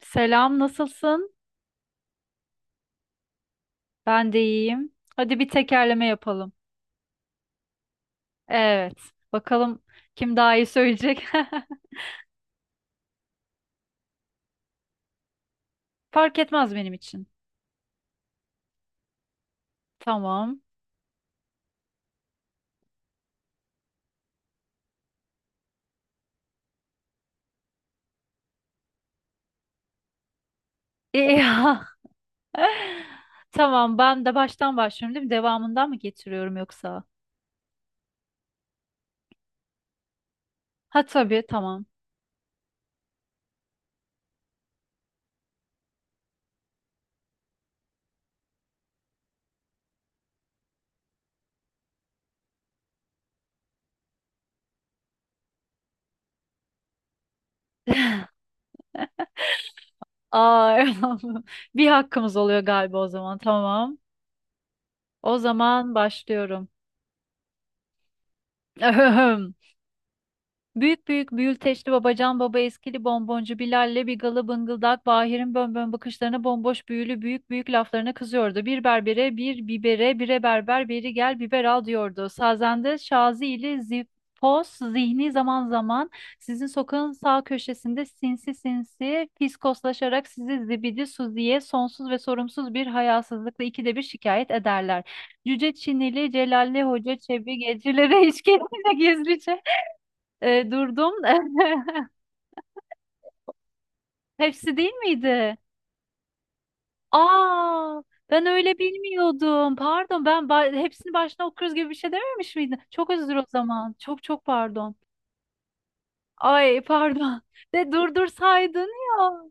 Selam, nasılsın? Ben de iyiyim. Hadi bir tekerleme yapalım. Evet. Bakalım kim daha iyi söyleyecek. Fark etmez benim için. Tamam. İyi. Tamam, ben de baştan başlıyorum değil mi? Devamından mı getiriyorum yoksa? Ha tabii, tamam. Aa, eyvallah. Bir hakkımız oluyor galiba o zaman. Tamam. O zaman başlıyorum. Büyük büyük büyülteçli babacan baba eskili bonboncu Bilal'le bir galı bıngıldak Bahir'in bönbön bakışlarına bomboş büyülü büyük büyük laflarına kızıyordu. Bir berbere bir bibere bire berber beri gel biber al diyordu. Sazende Şazi ile Zipos zihni zaman zaman sizin sokağın sağ köşesinde sinsi sinsi fiskoslaşarak sizi zibidi suziye sonsuz ve sorumsuz bir hayasızlıkla ikide bir şikayet ederler. Cüce Çinili Celalli Hoca Çebi gecilere içki gizlice durdum. Hepsi değil miydi? Aa, ben öyle bilmiyordum. Pardon, hepsini baştan okuyoruz gibi bir şey dememiş miydin? Çok özür o zaman. Çok çok pardon. Ay pardon. De durdursaydın ya.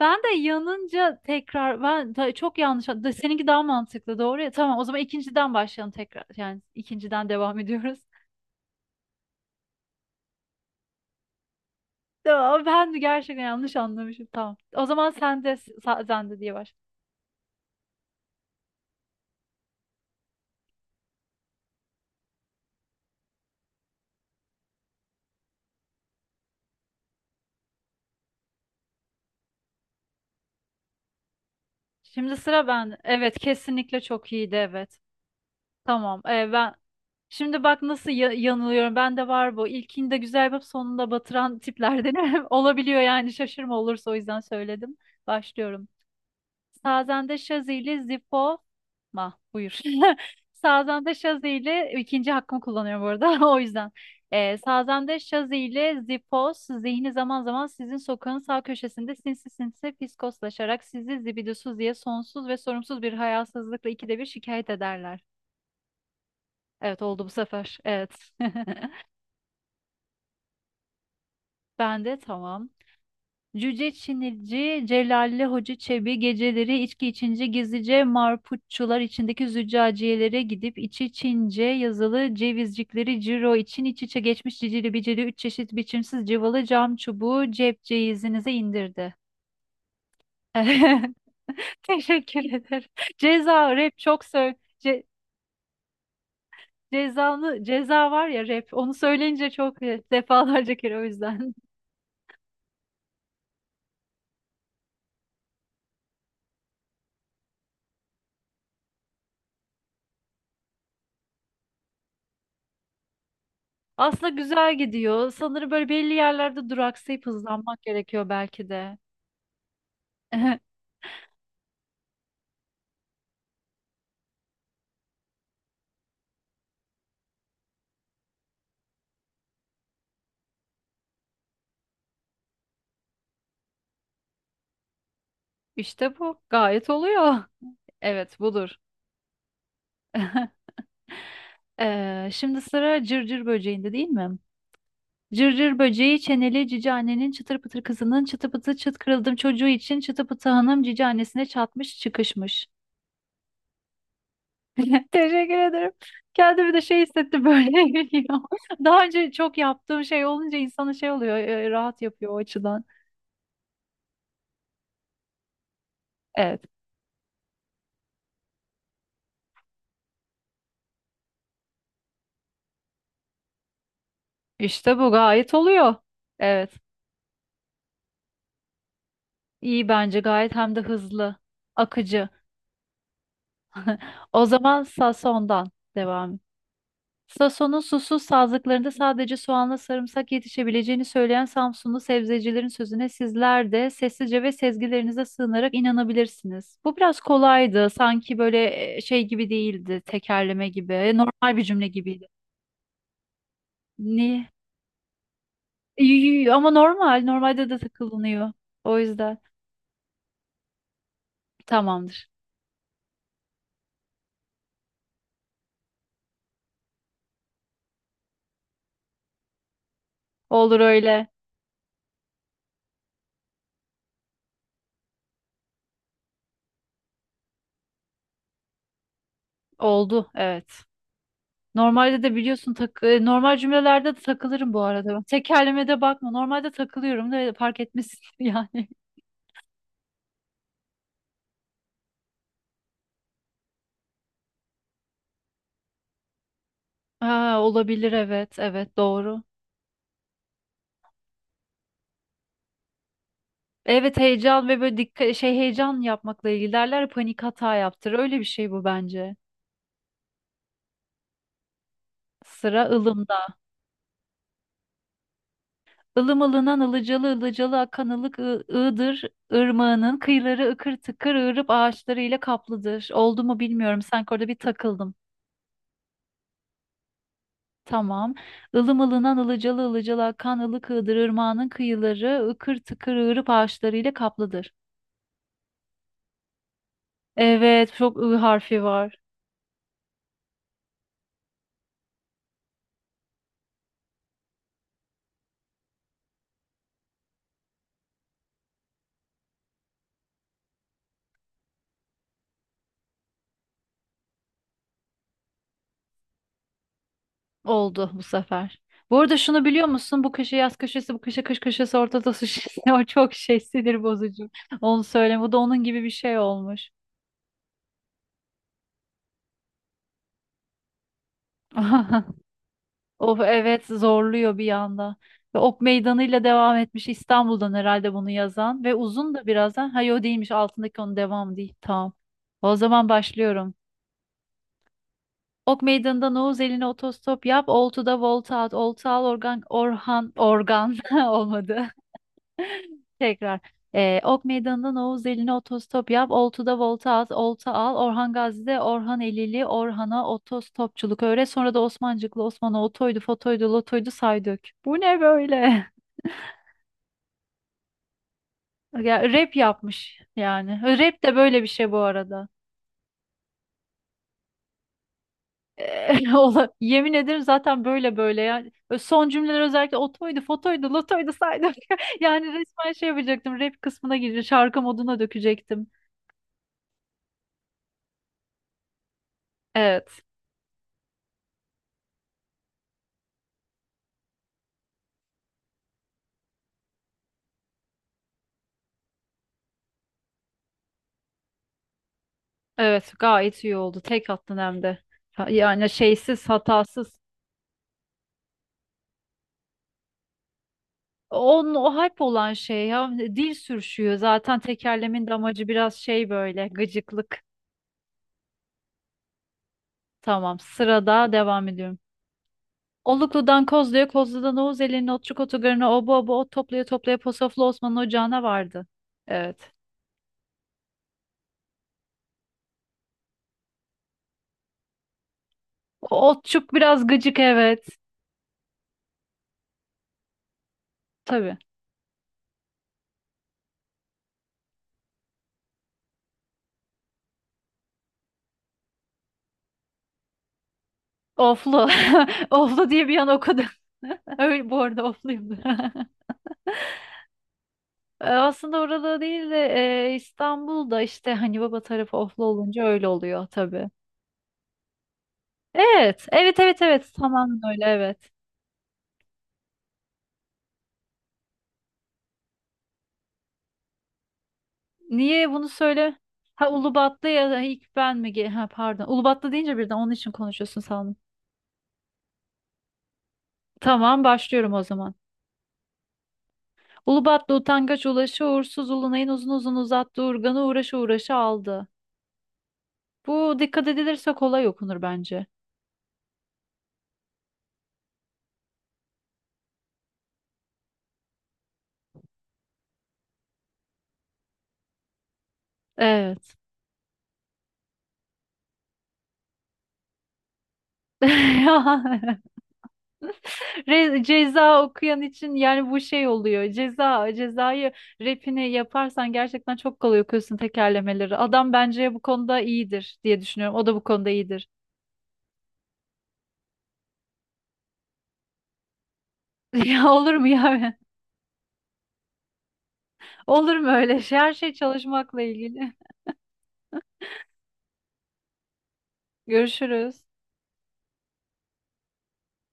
Ben de yanınca tekrar çok yanlış. Seninki daha mantıklı doğru ya. Tamam o zaman ikinciden başlayalım tekrar. Yani ikinciden devam ediyoruz. Tamam, ben de gerçekten yanlış anlamışım. Tamam. O zaman sen de diye başla. Şimdi sıra ben. Evet, kesinlikle çok iyiydi evet. Tamam. Ben şimdi bak nasıl yanılıyorum. Ben de var bu. İlkinde güzel yapıp sonunda batıran tiplerden olabiliyor yani şaşırma olursa o yüzden söyledim. Başlıyorum. Sazende Şazi ile Zippo ma buyur. Sazende Şazi ikinci hakkımı kullanıyorum bu arada o yüzden. Sazende Şazi Zipos zihni zaman zaman sizin sokağın sağ köşesinde sinsi sinsi fiskoslaşarak sizi zibidusuz diye sonsuz ve sorumsuz bir hayasızlıkla ikide bir şikayet ederler. Evet oldu bu sefer. Evet. Ben de tamam. Cüce Çinici, Celalli Hoca Çebi geceleri içki içince gizlice marputçular içindeki züccaciyelere gidip içi Çince yazılı cevizcikleri ciro için iç içe geçmiş cicili bicili üç çeşit biçimsiz cıvalı cam çubuğu cep ceyizinize indirdi. Teşekkür ederim. Ceza rap çok söyle. Cezalı ceza var ya rap. Onu söyleyince çok defalarca kere o yüzden. Aslında güzel gidiyor. Sanırım böyle belli yerlerde duraksayıp hızlanmak gerekiyor belki de. İşte bu. Gayet oluyor. Evet, budur. Şimdi sıra cırcır böceğinde değil mi? Cırcır böceği çeneli cici annenin çıtır pıtır kızının çıtı pıtı çıt kırıldım çocuğu için çıtı pıtı hanım cici annesine çatmış çıkışmış. Teşekkür ederim. Kendimi de şey hissettim böyle geliyor. Daha önce çok yaptığım şey olunca insanın şey oluyor rahat yapıyor o açıdan. Evet. İşte bu gayet oluyor. Evet. İyi bence gayet hem de hızlı, akıcı. O zaman Sason'dan devam. Sason'un susuz sazlıklarında sadece soğanla sarımsak yetişebileceğini söyleyen Samsunlu sebzecilerin sözüne sizler de sessizce ve sezgilerinize sığınarak inanabilirsiniz. Bu biraz kolaydı. Sanki böyle şey gibi değildi, tekerleme gibi. Normal bir cümle gibiydi. Ne? Ama normal, normalde de takılınıyor. O yüzden tamamdır. Olur öyle. Oldu, evet. Normalde de biliyorsun normal cümlelerde de takılırım bu arada. Ben Tekerlemede bakma. Normalde takılıyorum da fark etmesin yani. Aa, olabilir evet, evet doğru. Evet heyecan ve böyle dikkat şey heyecan yapmakla ilgili derler ya, panik hata yaptır. Öyle bir şey bu bence. Sıra ılımda. Ilım ılınan ılıcalı ılıcalı akan ılık ığdır. Irmağının kıyıları ıkır tıkır ığırıp ağaçlarıyla kaplıdır. Oldu mu bilmiyorum. Sanki orada bir takıldım. Tamam. Ilım ılınan ılıcalı ılıcalı akan ılık ığdır ırmağının kıyıları ıkır tıkır ığırıp ağaçlarıyla kaplıdır. Evet, çok ı harfi var. Oldu bu sefer. Bu arada şunu biliyor musun? Bu köşe yaz köşesi, bu köşe kış köşesi, ortada su şişesi. O çok şey sinir bozucu. Onu söyleme. Bu da onun gibi bir şey olmuş. Of evet zorluyor bir yanda. Ve Ok meydanıyla devam etmiş İstanbul'dan herhalde bunu yazan. Ve uzun da birazdan. Hayır o değilmiş altındaki onun devamı değil. Tamam. O zaman başlıyorum. Ok meydanında Oğuz eline otostop yap. Oltu'da volta at. Oltu al organ, Orhan, organ olmadı. Tekrar. Ok Meydanı'ndan Oğuz Eli'ne otostop yap. Oltu'da volta at. Olta al. Orhan Gazi'de Orhan Elili. Orhan'a otostopçuluk öğret. Sonra da Osmancıklı Osman'a otoydu, fotoydu, lotoydu saydık. Bu ne böyle? Ya, rap yapmış yani. Rap de böyle bir şey bu arada. Yemin ederim zaten böyle böyle yani. Son cümleler özellikle otoydu, fotoydu, lotoydu saydık. Yani resmen şey yapacaktım. Rap kısmına girecek. Şarkı moduna dökecektim. Evet. Evet, gayet iyi oldu. Tek attın hem de. Yani şeysiz, hatasız. Onun o hype olan şey ya dil sürüşüyor. Zaten tekerlemin de amacı biraz şey böyle gıcıklık. Tamam, sırada devam ediyorum. Oluklu'dan Kozlu'ya, Kozlu'dan Oğuz Eli'nin Otçuk Otogarı'na, oba oba ot toplaya toplaya Posoflu Osman'ın ocağına vardı. Evet. O Otçuk biraz gıcık evet. Tabii. Oflu. Oflu diye bir an okudum. Öyle bu arada ofluyum. Aslında orada değil de İstanbul'da işte hani baba tarafı oflu olunca öyle oluyor tabii. Evet, evet, evet, evet. Tamamen öyle, evet. Niye bunu söyle? Ha Ulubatlı ya da ilk ben mi? Ha pardon. Ulubatlı deyince birden onun için konuşuyorsun sandım. Tamam, başlıyorum o zaman. Ulubatlı utangaç ulaşı uğursuz ulunayın uzun uzun uzattı urganı uğraşı uğraşı aldı. Bu dikkat edilirse kolay okunur bence. Evet. Ceza okuyan için yani bu şey oluyor. Ceza, cezayı rapini yaparsan gerçekten çok kolay okuyorsun tekerlemeleri. Adam bence bu konuda iyidir diye düşünüyorum. O da bu konuda iyidir. Ya olur mu ya? Olur mu öyle şey? Her şey çalışmakla ilgili. Görüşürüz.